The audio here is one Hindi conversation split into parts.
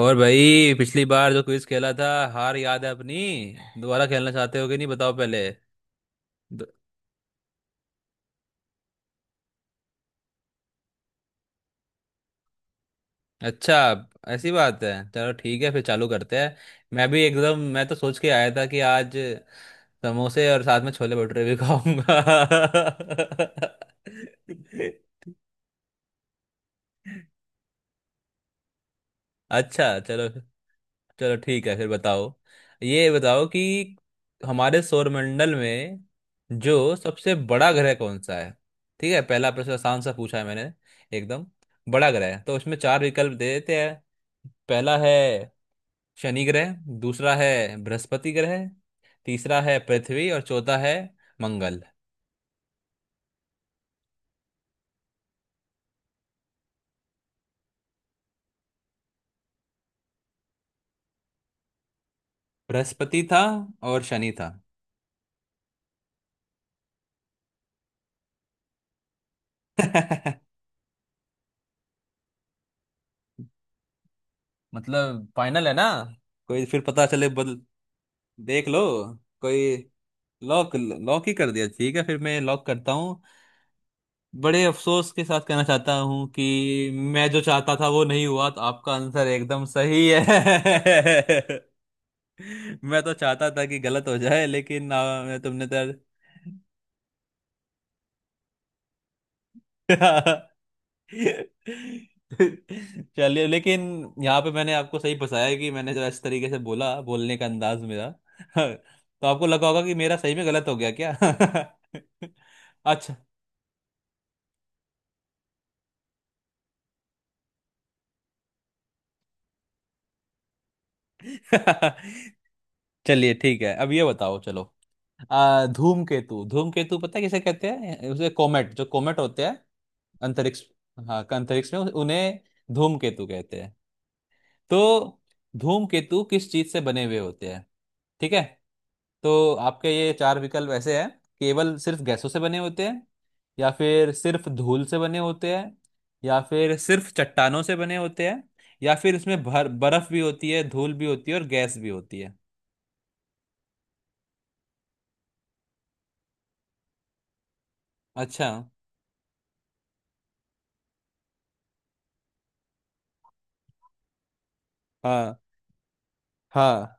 और भाई, पिछली बार जो क्विज खेला था, हार याद है अपनी। दोबारा खेलना चाहते हो कि नहीं, बताओ पहले। दो- अच्छा, ऐसी बात है, चलो ठीक है फिर चालू करते हैं। मैं भी एकदम मैं तो सोच के आया था कि आज समोसे और साथ में छोले भटूरे भी खाऊंगा। अच्छा, चलो। चलो ठीक है फिर, बताओ, ये बताओ कि हमारे सौरमंडल में जो सबसे बड़ा ग्रह कौन सा है। ठीक है, पहला प्रश्न आसान सा पूछा है मैंने, एकदम बड़ा ग्रह है। तो उसमें चार विकल्प दे देते हैं। पहला है शनि ग्रह, दूसरा है बृहस्पति ग्रह, तीसरा है पृथ्वी और चौथा है मंगल। बृहस्पति था और शनि था। मतलब फाइनल है ना, कोई फिर पता चले बदल, देख लो। कोई, लॉक लॉक ही कर दिया, ठीक है फिर मैं लॉक करता हूँ। बड़े अफसोस के साथ कहना चाहता हूँ कि मैं जो चाहता था वो नहीं हुआ, तो आपका आंसर एकदम सही है। मैं तो चाहता था कि गलत हो जाए, लेकिन तुमने तो। चलिए, लेकिन यहाँ पे मैंने आपको सही फंसाया कि मैंने जो इस तरीके से बोला, बोलने का अंदाज मेरा। तो आपको लगा होगा कि मेरा सही में गलत हो गया क्या। अच्छा। चलिए ठीक है, अब ये बताओ, चलो। धूमकेतु, धूमकेतु पता है किसे कहते हैं? उसे कोमेट, जो कोमेट होते हैं अंतरिक्ष, हाँ अंतरिक्ष में उन्हें धूमकेतु कहते हैं। तो धूमकेतु किस चीज से बने हुए होते हैं, ठीक है? तो आपके ये चार विकल्प ऐसे हैं। केवल सिर्फ गैसों से बने होते हैं, या फिर सिर्फ धूल से बने होते हैं, या फिर सिर्फ चट्टानों से बने होते हैं, या फिर इसमें भर बर्फ भी होती है, धूल भी होती है और गैस भी होती है। अच्छा। हाँ, हाँ,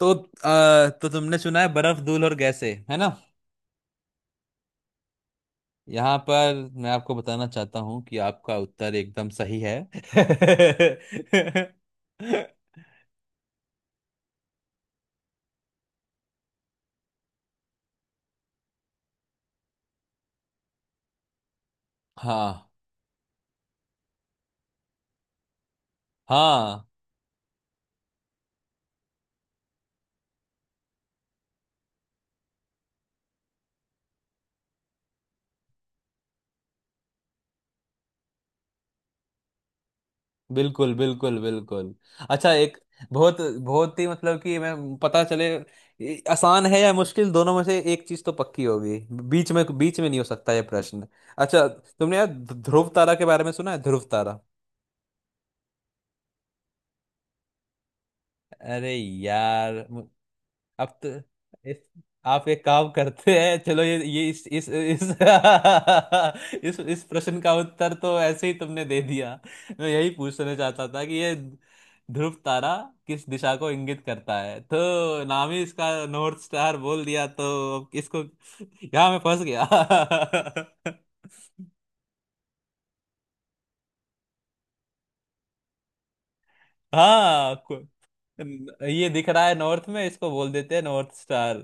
तो तो तुमने सुना है बर्फ, धूल और गैसें, है ना। यहाँ पर मैं आपको बताना चाहता हूँ कि आपका उत्तर एकदम सही है। हाँ हाँ बिल्कुल बिल्कुल बिल्कुल। अच्छा, एक बहुत बहुत ही, मतलब कि मैं, पता चले ये आसान है या मुश्किल, दोनों में से एक चीज तो पक्की होगी। बीच में नहीं हो सकता ये प्रश्न। अच्छा, तुमने यार ध्रुव तारा के बारे में सुना है? ध्रुव तारा, अरे यार, अब तो इस आप एक काम करते हैं, चलो, ये इस इस प्रश्न का उत्तर तो ऐसे ही तुमने दे दिया। मैं यही पूछना चाहता था कि ये ध्रुव तारा किस दिशा को इंगित करता है, तो नाम ही इसका नॉर्थ स्टार बोल दिया, तो अब इसको, यहाँ मैं फंस गया। हाँ को- ये दिख रहा है नॉर्थ में, इसको बोल देते हैं नॉर्थ स्टार।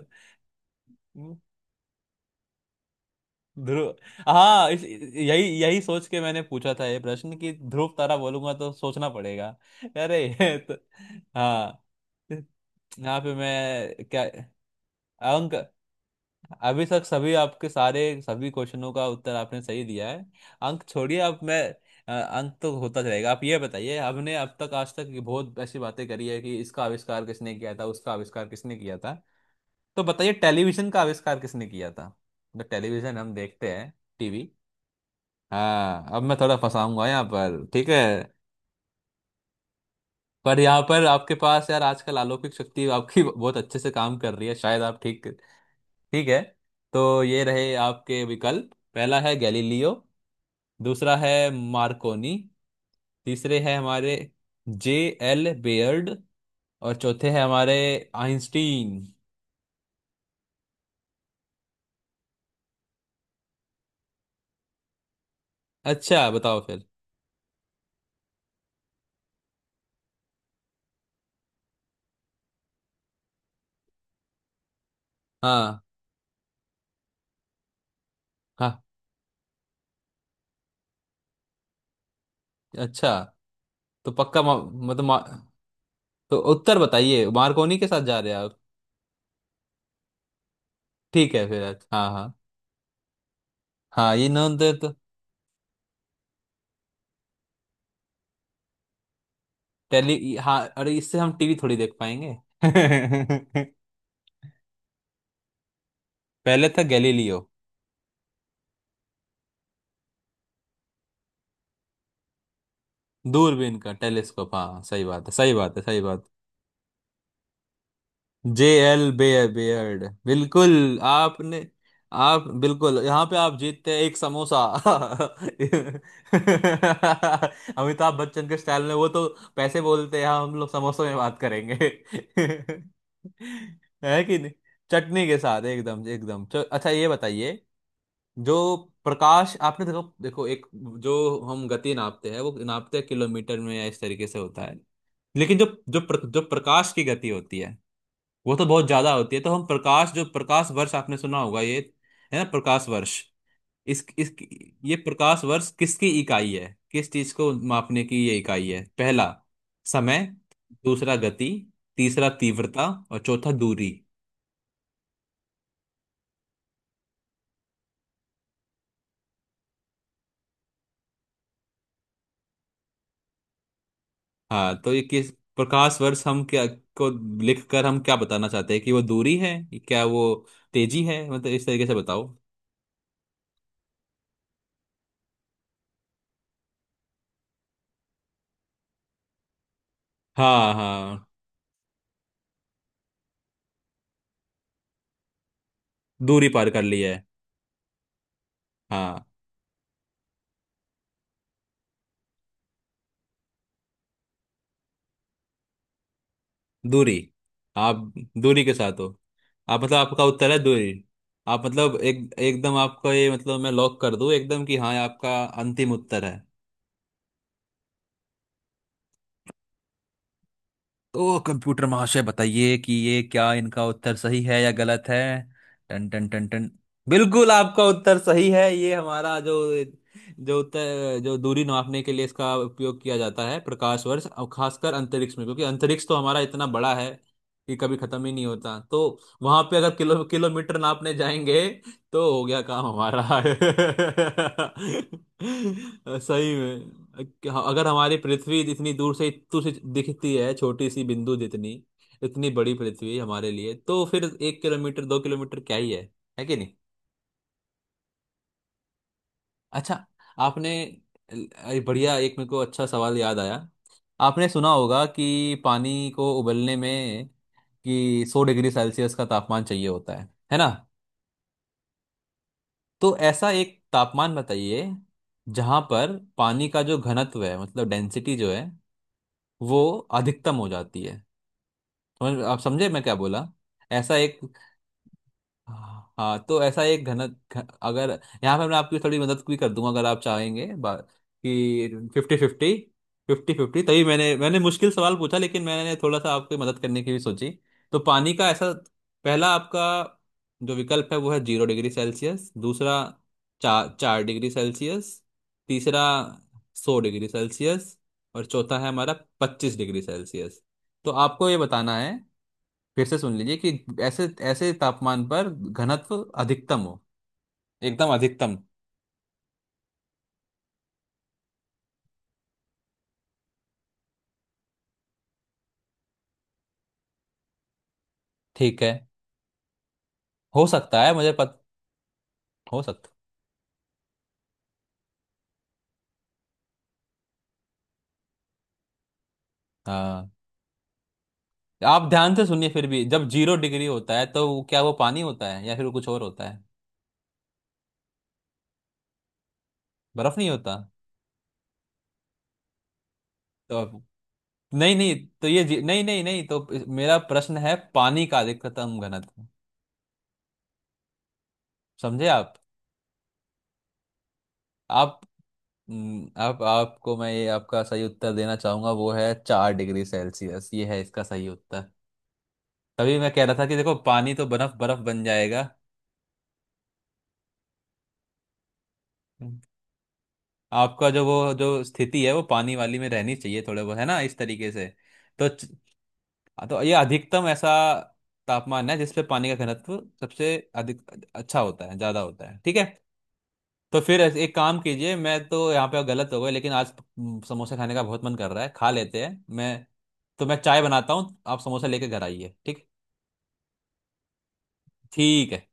ध्रुव, हाँ, इस यही यही सोच के मैंने पूछा था ये प्रश्न कि ध्रुव तारा बोलूंगा तो सोचना पड़ेगा। अरे ये तो। हाँ यहाँ पे मैं क्या, अंक, अभी तक सभी आपके सारे सभी क्वेश्चनों का उत्तर आपने सही दिया है, अंक छोड़िए, अब मैं, अंक तो होता चलेगा। आप ये बताइए, हमने अब तक, आज तक ये बहुत ऐसी बातें करी है कि इसका आविष्कार किसने किया था, उसका आविष्कार किसने किया था, तो बताइए टेलीविजन का आविष्कार किसने किया था। तो टेलीविजन हम देखते हैं, टीवी, हाँ, अब मैं थोड़ा फंसाऊंगा यहाँ पर, ठीक है। पर यहाँ पर आपके पास यार आजकल अलौकिक शक्ति आपकी बहुत अच्छे से काम कर रही है, शायद आप ठीक, ठीक है। तो ये रहे आपके विकल्प। पहला है गैलीलियो, दूसरा है मार्कोनी, तीसरे है हमारे जे एल बेयर्ड और चौथे है हमारे आइंस्टीन। अच्छा, बताओ फिर। हाँ हाँ, अच्छा, तो पक्का तो उत्तर बताइए, मार्कोनी के साथ जा रहे हैं आप? ठीक है फिर। अच्छा, हाँ हाँ। हाँ ये ना, तो टेली, हाँ, अरे इससे हम टीवी थोड़ी देख पाएंगे। पहले था गैलीलियो, दूरबीन का टेलीस्कोप, हाँ सही बात है, सही बात है, सही बात। जे एल बे बेयर्ड, बिल्कुल आपने, आप बिल्कुल, यहाँ पे आप जीतते हैं एक समोसा। अमिताभ बच्चन के स्टाइल में, वो तो पैसे बोलते हैं, हाँ, हम लोग समोसों में बात करेंगे। है कि नहीं, चटनी के साथ, एकदम एकदम अच्छा, ये बताइए। जो प्रकाश आपने, देखो देखो, एक जो हम गति नापते हैं, वो नापते हैं किलोमीटर में या इस तरीके से होता है। लेकिन जो जो प्र, जो प्रकाश की गति होती है वो तो बहुत ज्यादा होती है। तो हम प्रकाश, जो प्रकाश वर्ष आपने सुना होगा ये, है ना, प्रकाश वर्ष, इस ये प्रकाश वर्ष किसकी इकाई है, किस चीज को मापने की ये इकाई है? पहला समय, दूसरा गति, तीसरा तीव्रता और चौथा दूरी। हाँ तो ये किस, प्रकाश वर्ष हम क्या को, लिख कर हम क्या बताना चाहते हैं कि वो दूरी है, क्या वो तेजी है, मतलब इस तरीके से बताओ। हाँ, हाँ, दूरी पार कर ली है, हाँ दूरी। आप दूरी के साथ हो, आप, मतलब आपका उत्तर है दूरी। आप, मतलब एक एकदम, आपको ये मतलब मैं लॉक कर दूं एकदम कि हाँ ये आपका अंतिम उत्तर है? तो कंप्यूटर महाशय बताइए कि ये क्या, इनका उत्तर सही है या गलत है, टन टन टन टन, बिल्कुल आपका उत्तर सही है। ये हमारा जो, जो उत्तर, जो दूरी नापने के लिए इसका उपयोग किया जाता है, प्रकाश वर्ष, और खासकर अंतरिक्ष में, क्योंकि अंतरिक्ष तो हमारा इतना बड़ा है कि कभी खत्म ही नहीं होता। तो वहां पे अगर किलोमीटर नापने जाएंगे तो हो गया काम हमारा। सही में, अगर हमारी पृथ्वी इतनी दूर से दिखती है, छोटी सी बिंदु जितनी, इतनी बड़ी पृथ्वी हमारे लिए, तो फिर 1 किलोमीटर 2 किलोमीटर क्या ही है कि नहीं। अच्छा, आपने, बढ़िया, एक मेरे को अच्छा सवाल याद आया। आपने सुना होगा कि पानी को उबलने में कि 100 डिग्री सेल्सियस का तापमान चाहिए होता है ना। तो ऐसा एक तापमान बताइए जहां पर पानी का जो घनत्व है, मतलब डेंसिटी जो है, वो अधिकतम हो जाती है। समझ, आप समझे मैं क्या बोला? ऐसा एक, हाँ, हाँ, तो ऐसा एक अगर यहाँ पे मैं आपकी थोड़ी मदद भी कर दूंगा, अगर आप चाहेंगे, कि फिफ्टी फिफ्टी। तभी मैंने मैंने मुश्किल सवाल पूछा, लेकिन मैंने थोड़ा सा आपकी मदद करने की भी सोची। तो पानी का ऐसा, पहला आपका जो विकल्प है वो है 0 डिग्री सेल्सियस, दूसरा चार 4 डिग्री सेल्सियस, तीसरा 100 डिग्री सेल्सियस और चौथा है हमारा 25 डिग्री सेल्सियस। तो आपको ये बताना है, फिर से सुन लीजिए कि ऐसे ऐसे तापमान पर घनत्व अधिकतम हो, एकदम अधिकतम। ठीक है, हो सकता है, मुझे पत, हो सकता। हाँ आप ध्यान से सुनिए फिर भी, जब 0 डिग्री होता है तो क्या वो पानी होता है या फिर वो कुछ और होता है, बर्फ नहीं होता? तो आप- नहीं नहीं, नहीं नहीं नहीं, तो मेरा प्रश्न है पानी का अधिकतम घनत्व, समझे आप। आप, आपको मैं ये आपका सही उत्तर देना चाहूंगा, वो है 4 डिग्री सेल्सियस, ये है इसका सही उत्तर। तभी मैं कह रहा था कि देखो, पानी तो बर्फ बर्फ बन जाएगा। हम्म। आपका जो वो जो स्थिति है वो पानी वाली में रहनी चाहिए थोड़े बहुत, है ना, इस तरीके से। तो हाँ, तो ये अधिकतम ऐसा तापमान है जिसपे पानी का घनत्व सबसे अधिक अच्छा होता है, ज्यादा होता है, ठीक है। तो फिर एक काम कीजिए, मैं तो यहाँ पे गलत हो गया, लेकिन आज, समोसा खाने का बहुत मन कर रहा है, खा लेते हैं, मैं तो मैं चाय बनाता हूँ, आप समोसा लेके घर आइए, ठीक, ठीक है।